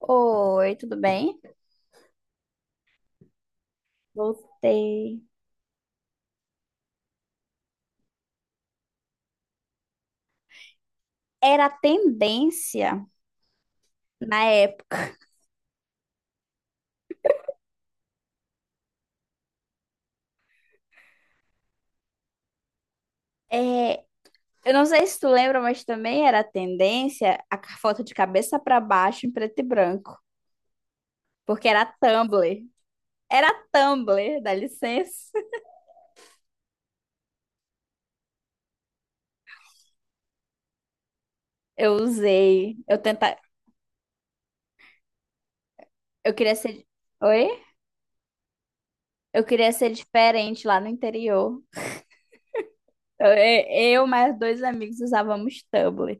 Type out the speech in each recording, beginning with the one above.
Oi, tudo bem? Voltei. Era a tendência na época. É, eu não sei se tu lembra, mas também era a tendência foto de cabeça pra baixo em preto e branco, porque era Tumblr. Era Tumblr, dá licença. Eu usei, eu tenta, eu queria ser, oi? Eu queria ser diferente lá no interior. Eu mais dois amigos usávamos Tumblr.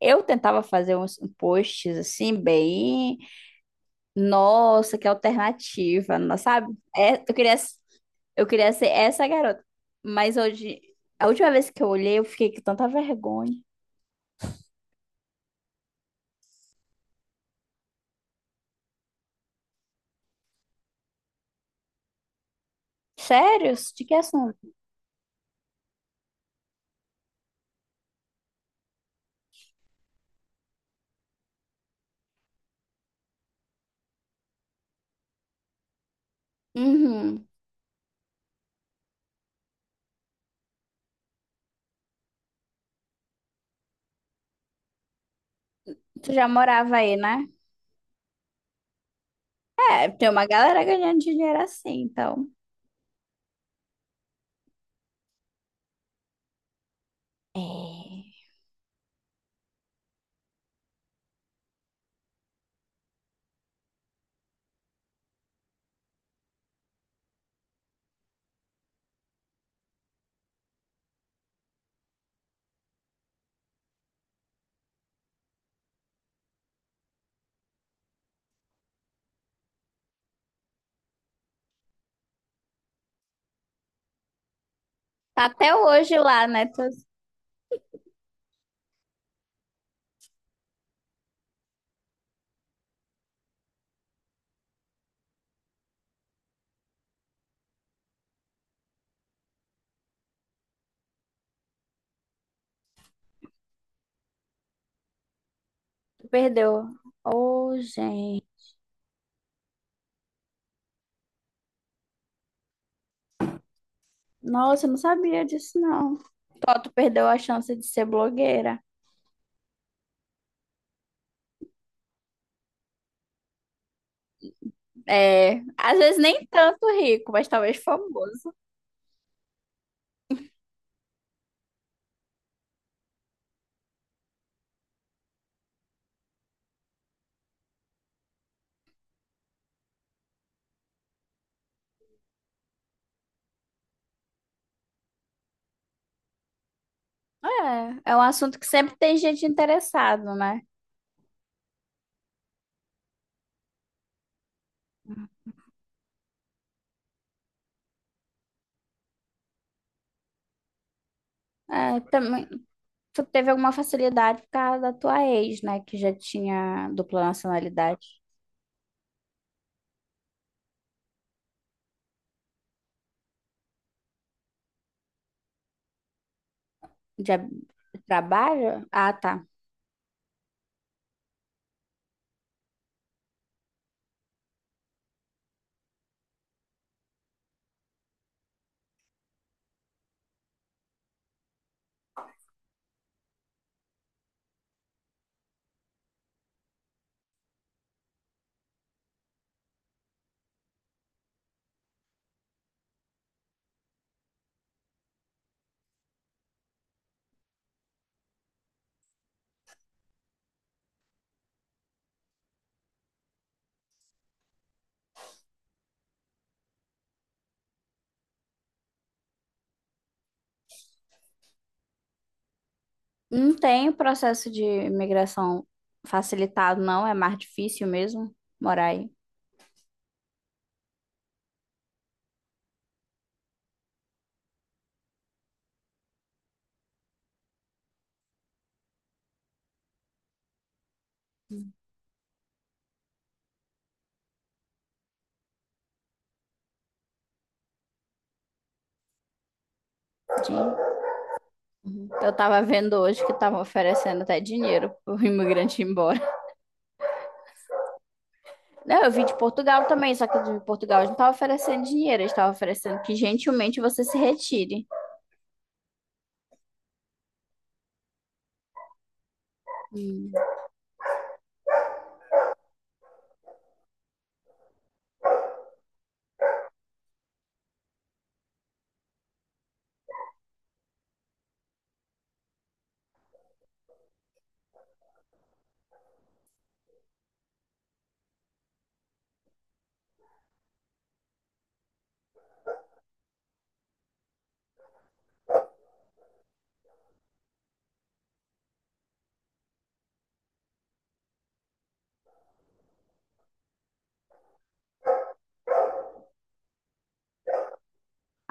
Eu tentava fazer uns posts assim bem. Nossa, que alternativa, não sabe? É, eu queria ser essa garota. Mas hoje, a última vez que eu olhei, eu fiquei com tanta vergonha. Sério? De que assunto? Uhum. Tu já morava aí, né? É, tem uma galera ganhando dinheiro assim, então. É. Tá. Até hoje lá, né? Tu, tu perdeu. Ô, gente. Nossa, eu não sabia disso, não. Tó, tu perdeu a chance de ser blogueira. É, às vezes nem tanto rico, mas talvez famoso. É, é um assunto que sempre tem gente interessado, né? É, também, tu teve alguma facilidade por causa da tua ex, né? Que já tinha dupla nacionalidade. de ab- trabalho? Ah, tá. Não tem o processo de imigração facilitado, não. É mais difícil mesmo morar aí. Gente. Uhum. Eu tava vendo hoje que estavam oferecendo até dinheiro pro imigrante ir embora. Não, eu vim de Portugal também, só que de Portugal eles não estavam oferecendo dinheiro, eles estavam oferecendo que gentilmente você se retire. Hum.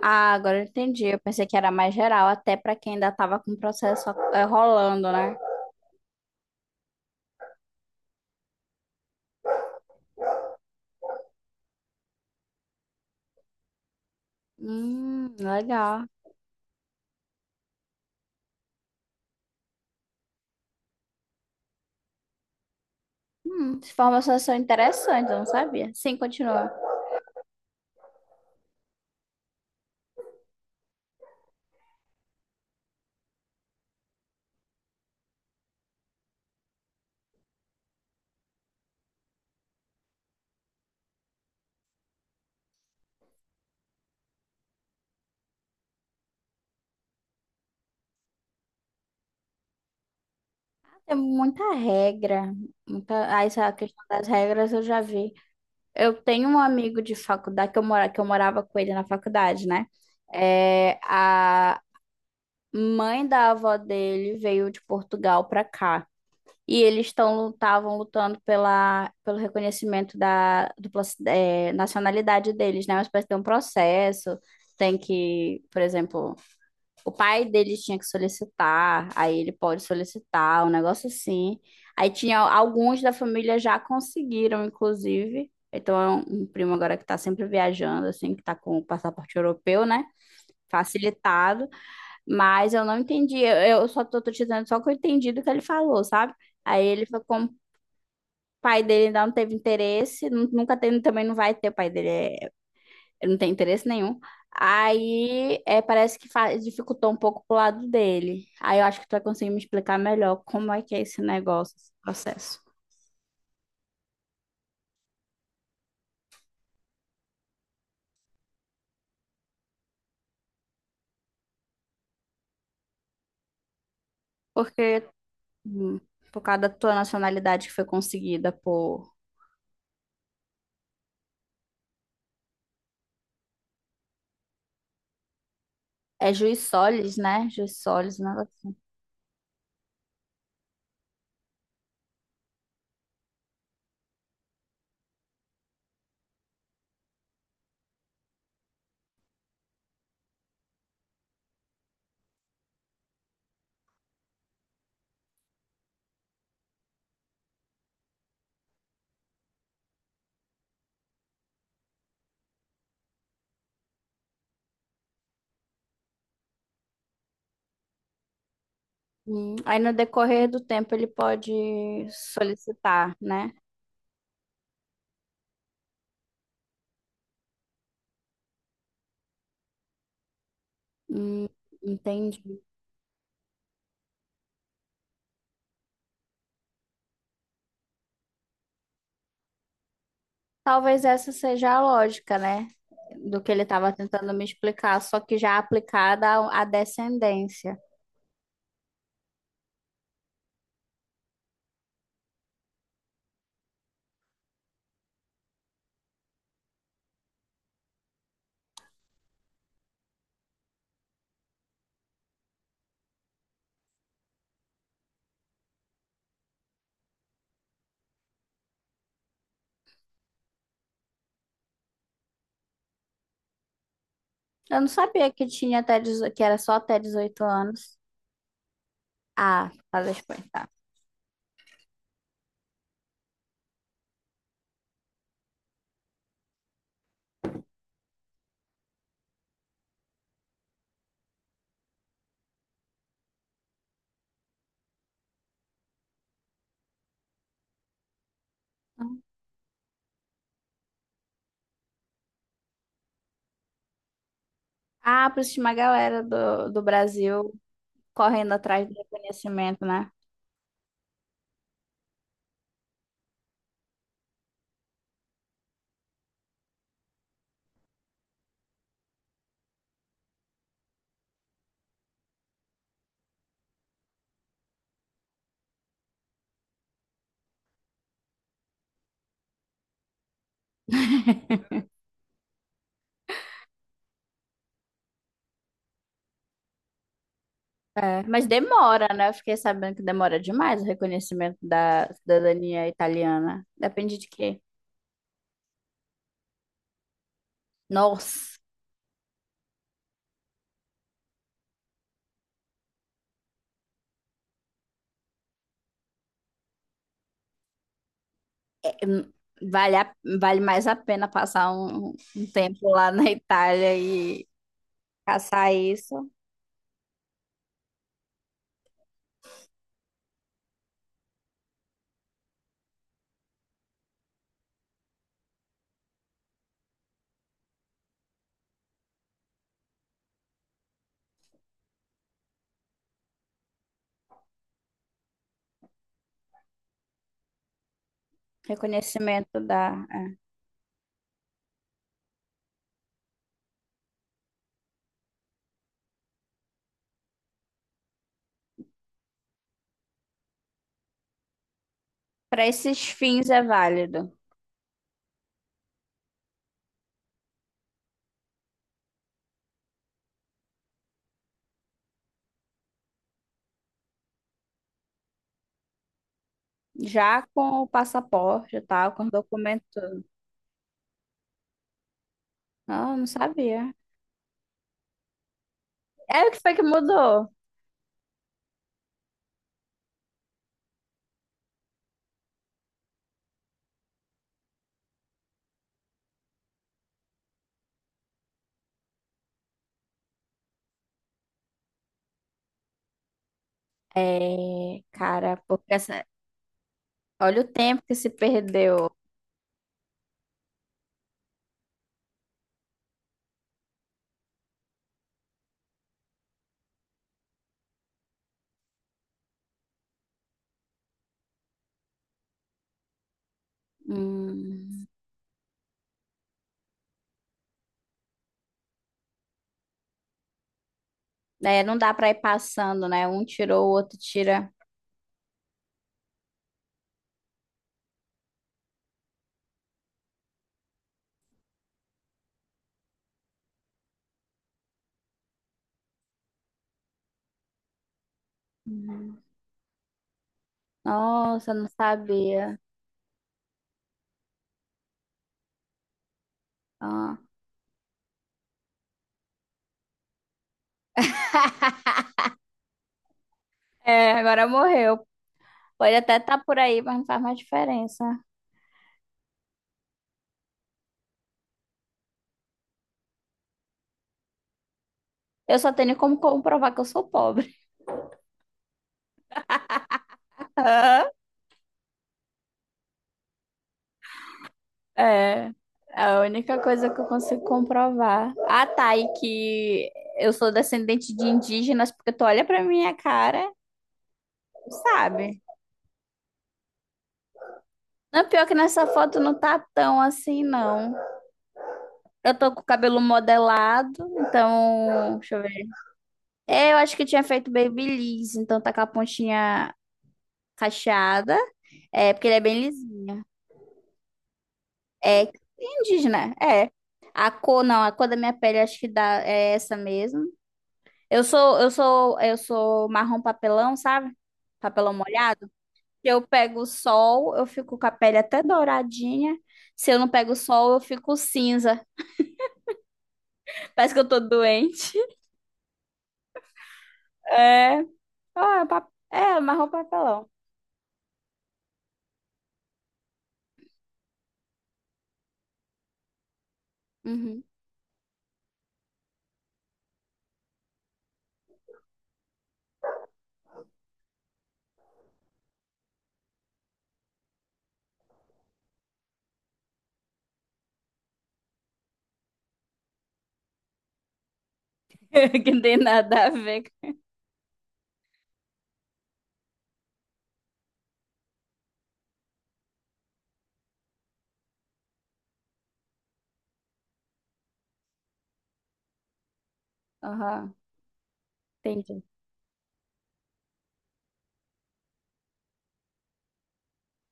Ah, agora eu entendi. Eu pensei que era mais geral, até para quem ainda estava com o processo rolando, né? Legal. Informações são interessantes, eu não sabia. Sim, continua. Tem muita regra. Muita... Ah, essa questão das regras eu já vi. Eu tenho um amigo de faculdade, que eu, mora... que eu morava com ele na faculdade, né? É, a mãe da avó dele veio de Portugal pra cá. E eles estão estavam lutando pela, pelo reconhecimento da dupla, nacionalidade deles, né? Uma espécie de um processo. Tem que, por exemplo, o pai deles tinha que solicitar, aí ele pode solicitar, um negócio assim. Aí tinha alguns da família já conseguiram, inclusive. Então é um primo agora que está sempre viajando, assim, que está com o passaporte europeu, né? Facilitado. Mas eu não entendi. Eu, tô te dizendo só que eu entendi do que ele falou, sabe? Aí ele foi com pai dele ainda não teve interesse, nunca teve, também não vai ter, o pai dele é- ele não tem interesse nenhum. Aí é, parece que dificultou um pouco pro lado dele. Aí eu acho que tu vai conseguir me explicar melhor como é que é esse negócio, esse processo. Porque hum, por causa da tua nacionalidade que foi conseguida por. É juiz Solis, né? Juiz Solis, né? Hum. Aí no decorrer do tempo ele pode solicitar, né? Hum, entendi. Talvez essa seja a lógica, né? Do que ele estava tentando me explicar, só que já aplicada à à descendência. Eu não sabia que tinha até 18, que era só até 18 anos. Ah, fazer espantar. Ah, por isso tinha uma galera do, do Brasil correndo atrás do reconhecimento, né? É, mas demora, né? Eu fiquei sabendo que demora demais o reconhecimento da cidadania italiana. Depende de quê? Nossa! Hum. Vale, vale mais a pena passar um, um tempo lá na Itália e caçar isso. Reconhecimento da. Para esses fins é válido. Já com o passaporte e tal, com os documentos. Não, não sabia. É o que foi que mudou? É, cara, porque essa... olha o tempo que se perdeu. Hum, é, não dá para ir passando, né? Um tirou, o outro tira. Hum. Nossa, não sabia. Ah. É, agora morreu. Pode até estar por aí, mas não faz mais diferença. Eu só tenho como comprovar que eu sou pobre. Hã? É, a única coisa que eu consigo comprovar. Ah, tá, e que eu sou descendente de indígenas, porque tu olha pra minha cara, sabe? Não, pior que nessa foto não tá tão assim, não. Eu tô com o cabelo modelado, então. Deixa eu ver. É, eu acho que eu tinha feito babyliss, então tá com a pontinha cacheada. É, porque ele é bem lisinho. É indígena, é. A cor, não, a cor da minha pele acho que dá, é essa mesmo. Eu sou marrom papelão, sabe? Papelão molhado. Se eu pego o sol, eu fico com a pele até douradinha. Se eu não pego o sol, eu fico cinza. Parece que eu tô doente. É, ah, é, é, marrom papelão. Uhum. Que não tem nada a ver. Aham, entendi.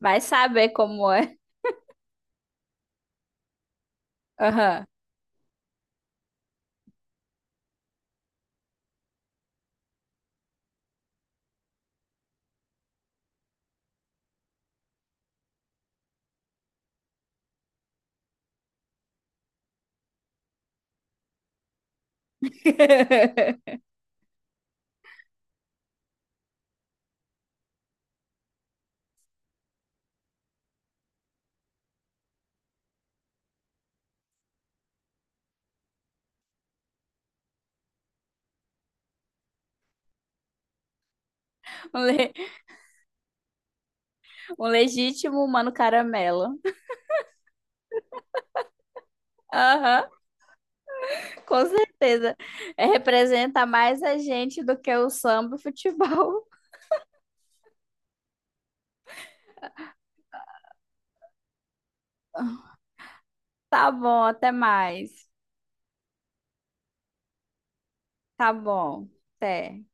Vai saber como é. Aham. Um legítimo mano caramelo. Aham, com certeza. É, representa mais a gente do que o samba e o futebol. Tá bom, até mais. Tá bom, até.